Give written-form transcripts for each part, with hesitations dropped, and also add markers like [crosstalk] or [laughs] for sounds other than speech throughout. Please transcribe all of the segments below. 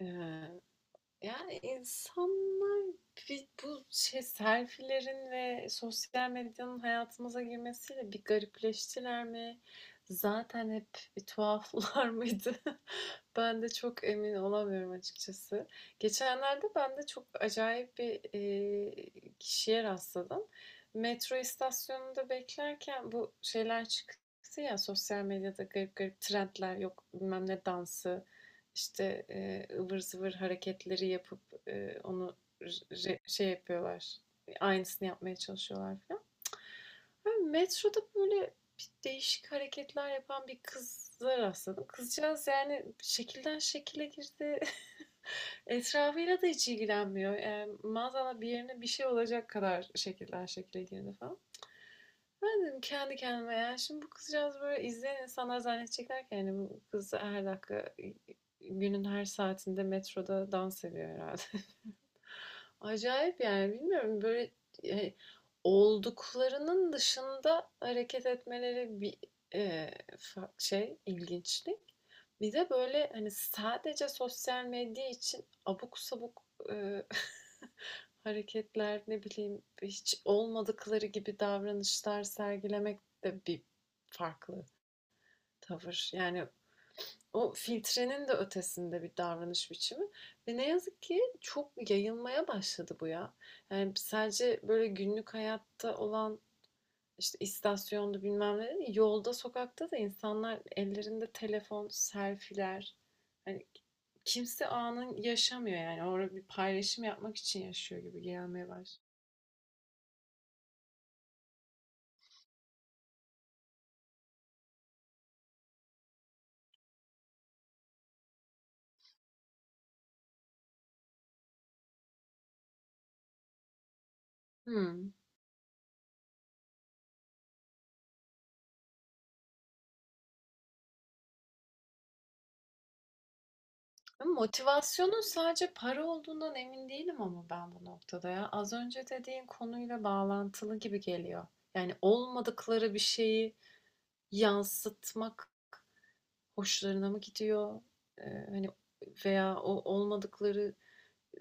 Ee, yani insanlar bu şey selfilerin ve sosyal medyanın hayatımıza girmesiyle bir garipleştiler mi? Zaten hep bir tuhaflar [laughs] mıydı? Ben de çok emin olamıyorum açıkçası. Geçenlerde ben de çok acayip bir kişiye rastladım. Metro istasyonunda beklerken bu şeyler çıktı ya, sosyal medyada garip garip trendler, yok bilmem ne dansı işte, ıvır zıvır hareketleri yapıp e, onu şey yapıyorlar. Aynısını yapmaya çalışıyorlar falan. Ben metroda böyle değişik hareketler yapan bir kıza rastladım. Kızcağız yani şekilden şekile girdi. [laughs] Etrafıyla da hiç ilgilenmiyor. Yani maazallah bir yerine bir şey olacak kadar şekilden şekile girdi falan. Ben dedim kendi kendime, yani şimdi bu kızcağız böyle, izleyen insanlar zannedecekler ki yani bu kız her dakika, günün her saatinde metroda dans ediyor herhalde. Acayip yani, bilmiyorum, böyle e, olduklarının dışında hareket etmeleri bir e, şey, ilginçlik. Bir de böyle hani sadece sosyal medya için abuk sabuk e, [laughs] hareketler, ne bileyim, hiç olmadıkları gibi davranışlar sergilemek de bir farklı tavır. Yani o filtrenin de ötesinde bir davranış biçimi ve ne yazık ki çok yayılmaya başladı bu ya. Yani sadece böyle günlük hayatta olan, işte istasyonda, bilmem ne, yolda, sokakta da insanlar ellerinde telefon, selfiler. Hani kimse anın yaşamıyor yani. Orada bir paylaşım yapmak için yaşıyor gibi gelmeye başladı. Hmm. Motivasyonun sadece para olduğundan emin değilim ama, ben bu noktada ya. Az önce dediğin konuyla bağlantılı gibi geliyor. Yani olmadıkları bir şeyi yansıtmak hoşlarına mı gidiyor? Ee, hani veya o olmadıkları,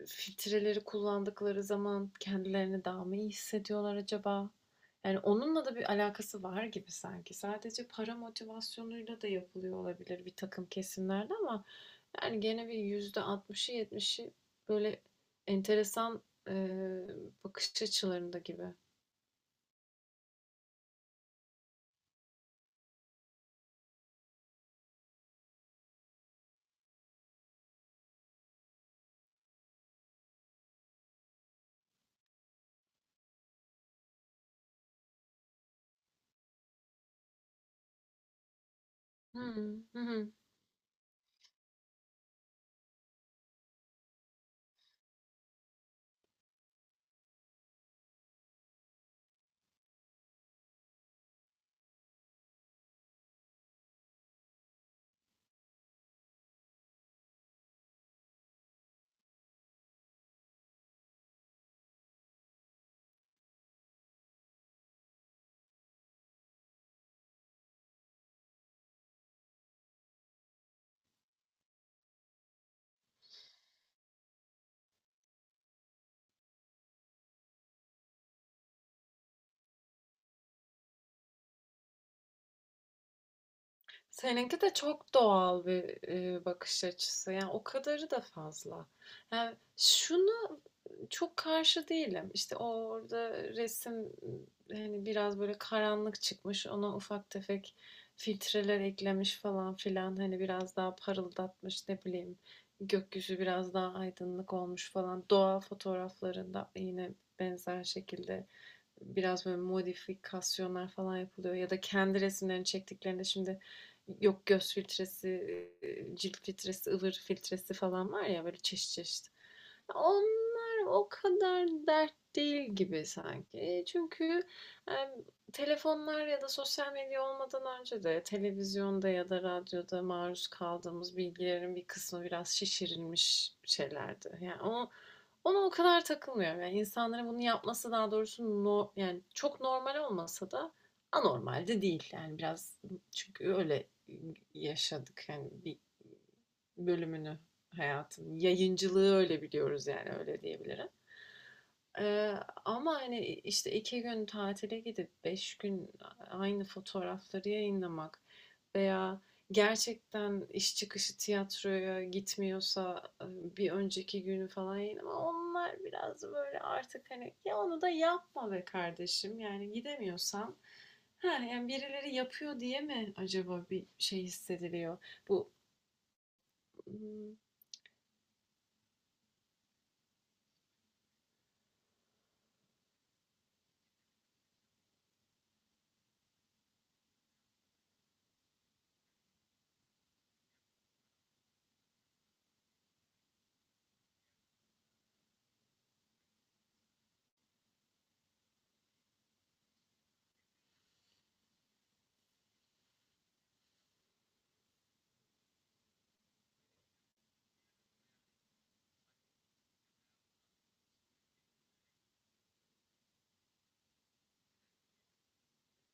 filtreleri kullandıkları zaman kendilerini daha mı iyi hissediyorlar acaba? Yani onunla da bir alakası var gibi sanki. Sadece para motivasyonuyla da yapılıyor olabilir bir takım kesimlerde ama yani gene bir yüzde 60'ı 70'i böyle enteresan e, bakış açılarında gibi. Hı hı. Seninki de çok doğal bir bakış açısı. Yani o kadarı da fazla. Yani şunu, çok karşı değilim. İşte orada resim hani biraz böyle karanlık çıkmış. Ona ufak tefek filtreler eklemiş falan filan. Hani biraz daha parıldatmış, ne bileyim. Gökyüzü biraz daha aydınlık olmuş falan. Doğa fotoğraflarında yine benzer şekilde biraz böyle modifikasyonlar falan yapılıyor ya da kendi resimlerini çektiklerinde şimdi yok göz filtresi, cilt filtresi, ıvır filtresi falan var ya, böyle çeşit çeşit. Onlar o kadar dert değil gibi sanki. E, çünkü em, telefonlar ya da sosyal medya olmadan önce de televizyonda ya da radyoda maruz kaldığımız bilgilerin bir kısmı biraz şişirilmiş şeylerdi. Yani o Ona o kadar takılmıyorum. Yani insanların bunu yapması, daha doğrusu no, yani çok normal olmasa da anormal de değil. Yani biraz, çünkü öyle yaşadık. Yani bir bölümünü, hayatın yayıncılığı öyle biliyoruz yani, öyle diyebilirim. Eee, ama hani, işte 2 gün tatile gidip 5 gün aynı fotoğrafları yayınlamak veya gerçekten iş çıkışı tiyatroya gitmiyorsa bir önceki günü falan yayınlama, onlar biraz böyle artık, hani ya onu da yapma be kardeşim, yani gidemiyorsam, ha yani birileri yapıyor diye mi acaba bir şey hissediliyor? Bu, hmm,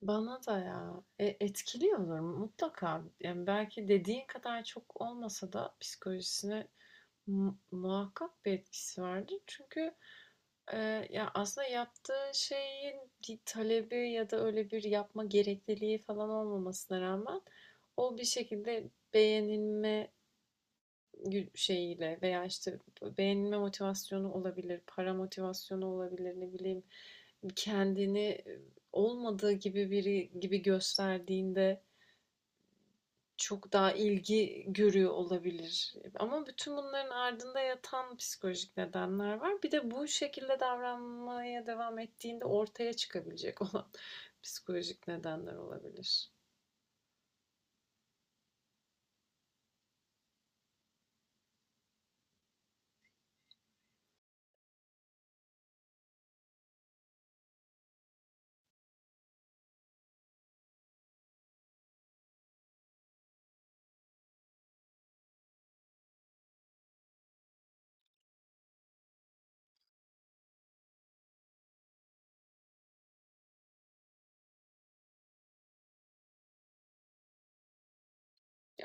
bana da ya. E, etkiliyordur mutlaka. Yani belki dediğin kadar çok olmasa da psikolojisine muhakkak bir etkisi vardır. Çünkü e, ya aslında yaptığı şeyin bir talebi ya da öyle bir yapma gerekliliği falan olmamasına rağmen, o bir şekilde beğenilme şeyiyle veya işte beğenilme motivasyonu olabilir, para motivasyonu olabilir, ne bileyim, kendini olmadığı gibi biri gibi gösterdiğinde çok daha ilgi görüyor olabilir. Ama bütün bunların ardında yatan psikolojik nedenler var. Bir de bu şekilde davranmaya devam ettiğinde ortaya çıkabilecek [laughs] olan psikolojik nedenler olabilir.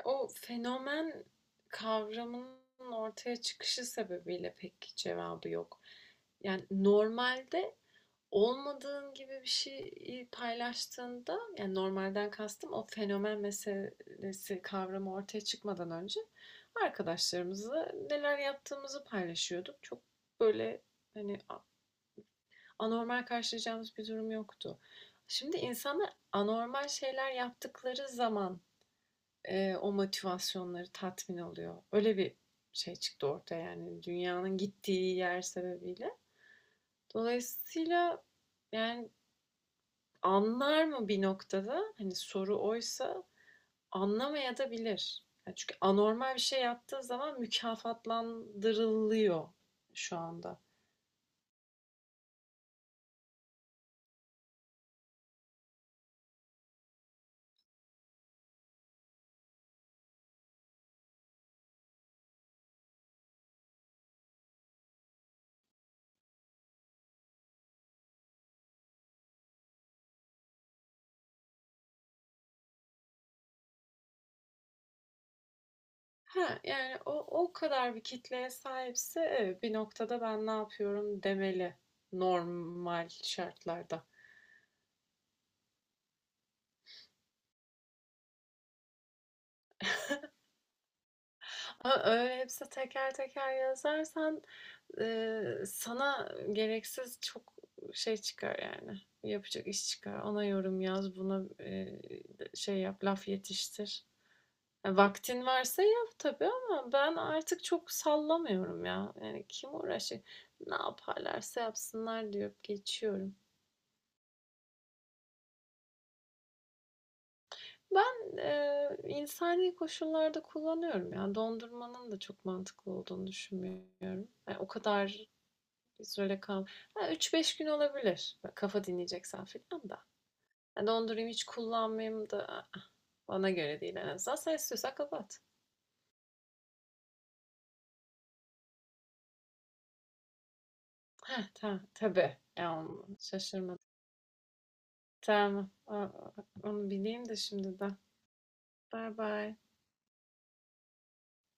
O fenomen kavramının ortaya çıkışı sebebiyle pek cevabı yok. Yani normalde olmadığın gibi bir şeyi paylaştığında, yani normalden kastım, o fenomen meselesi, kavramı ortaya çıkmadan önce arkadaşlarımızla neler yaptığımızı paylaşıyorduk. Çok böyle hani anormal karşılayacağımız bir durum yoktu. Şimdi insanlar anormal şeyler yaptıkları zaman o motivasyonları tatmin oluyor. Öyle bir şey çıktı ortaya yani, dünyanın gittiği yer sebebiyle. Dolayısıyla yani anlar mı bir noktada? Hani soru oysa, anlamaya da bilir. Ya çünkü anormal bir şey yaptığı zaman mükafatlandırılıyor şu anda. Ha yani o, o kadar bir kitleye sahipse evet, bir noktada ben ne yapıyorum demeli normal şartlarda. Ama öyle hepsi teker teker yazarsan sana gereksiz çok şey çıkar yani, yapacak iş çıkar. Ona yorum yaz, buna, şey yap, laf yetiştir. Ya vaktin varsa yap tabii ama ben artık çok sallamıyorum ya. Yani kim uğraşacak? Ne yaparlarsa yapsınlar deyip geçiyorum. Ben insani koşullarda kullanıyorum yani. Dondurmanın da çok mantıklı olduğunu düşünmüyorum. Yani o kadar bir kal üç beş gün olabilir. Kafa dinleyeceksen filan da. Ya dondurayım, hiç kullanmayayım da, ı-ı, bana göre değil en azından. Sen istiyorsan kapat. Heh, tamam tabii. Ya, şaşırmadım. Tamam. Aa, onu bileyim de şimdiden. Bye bye.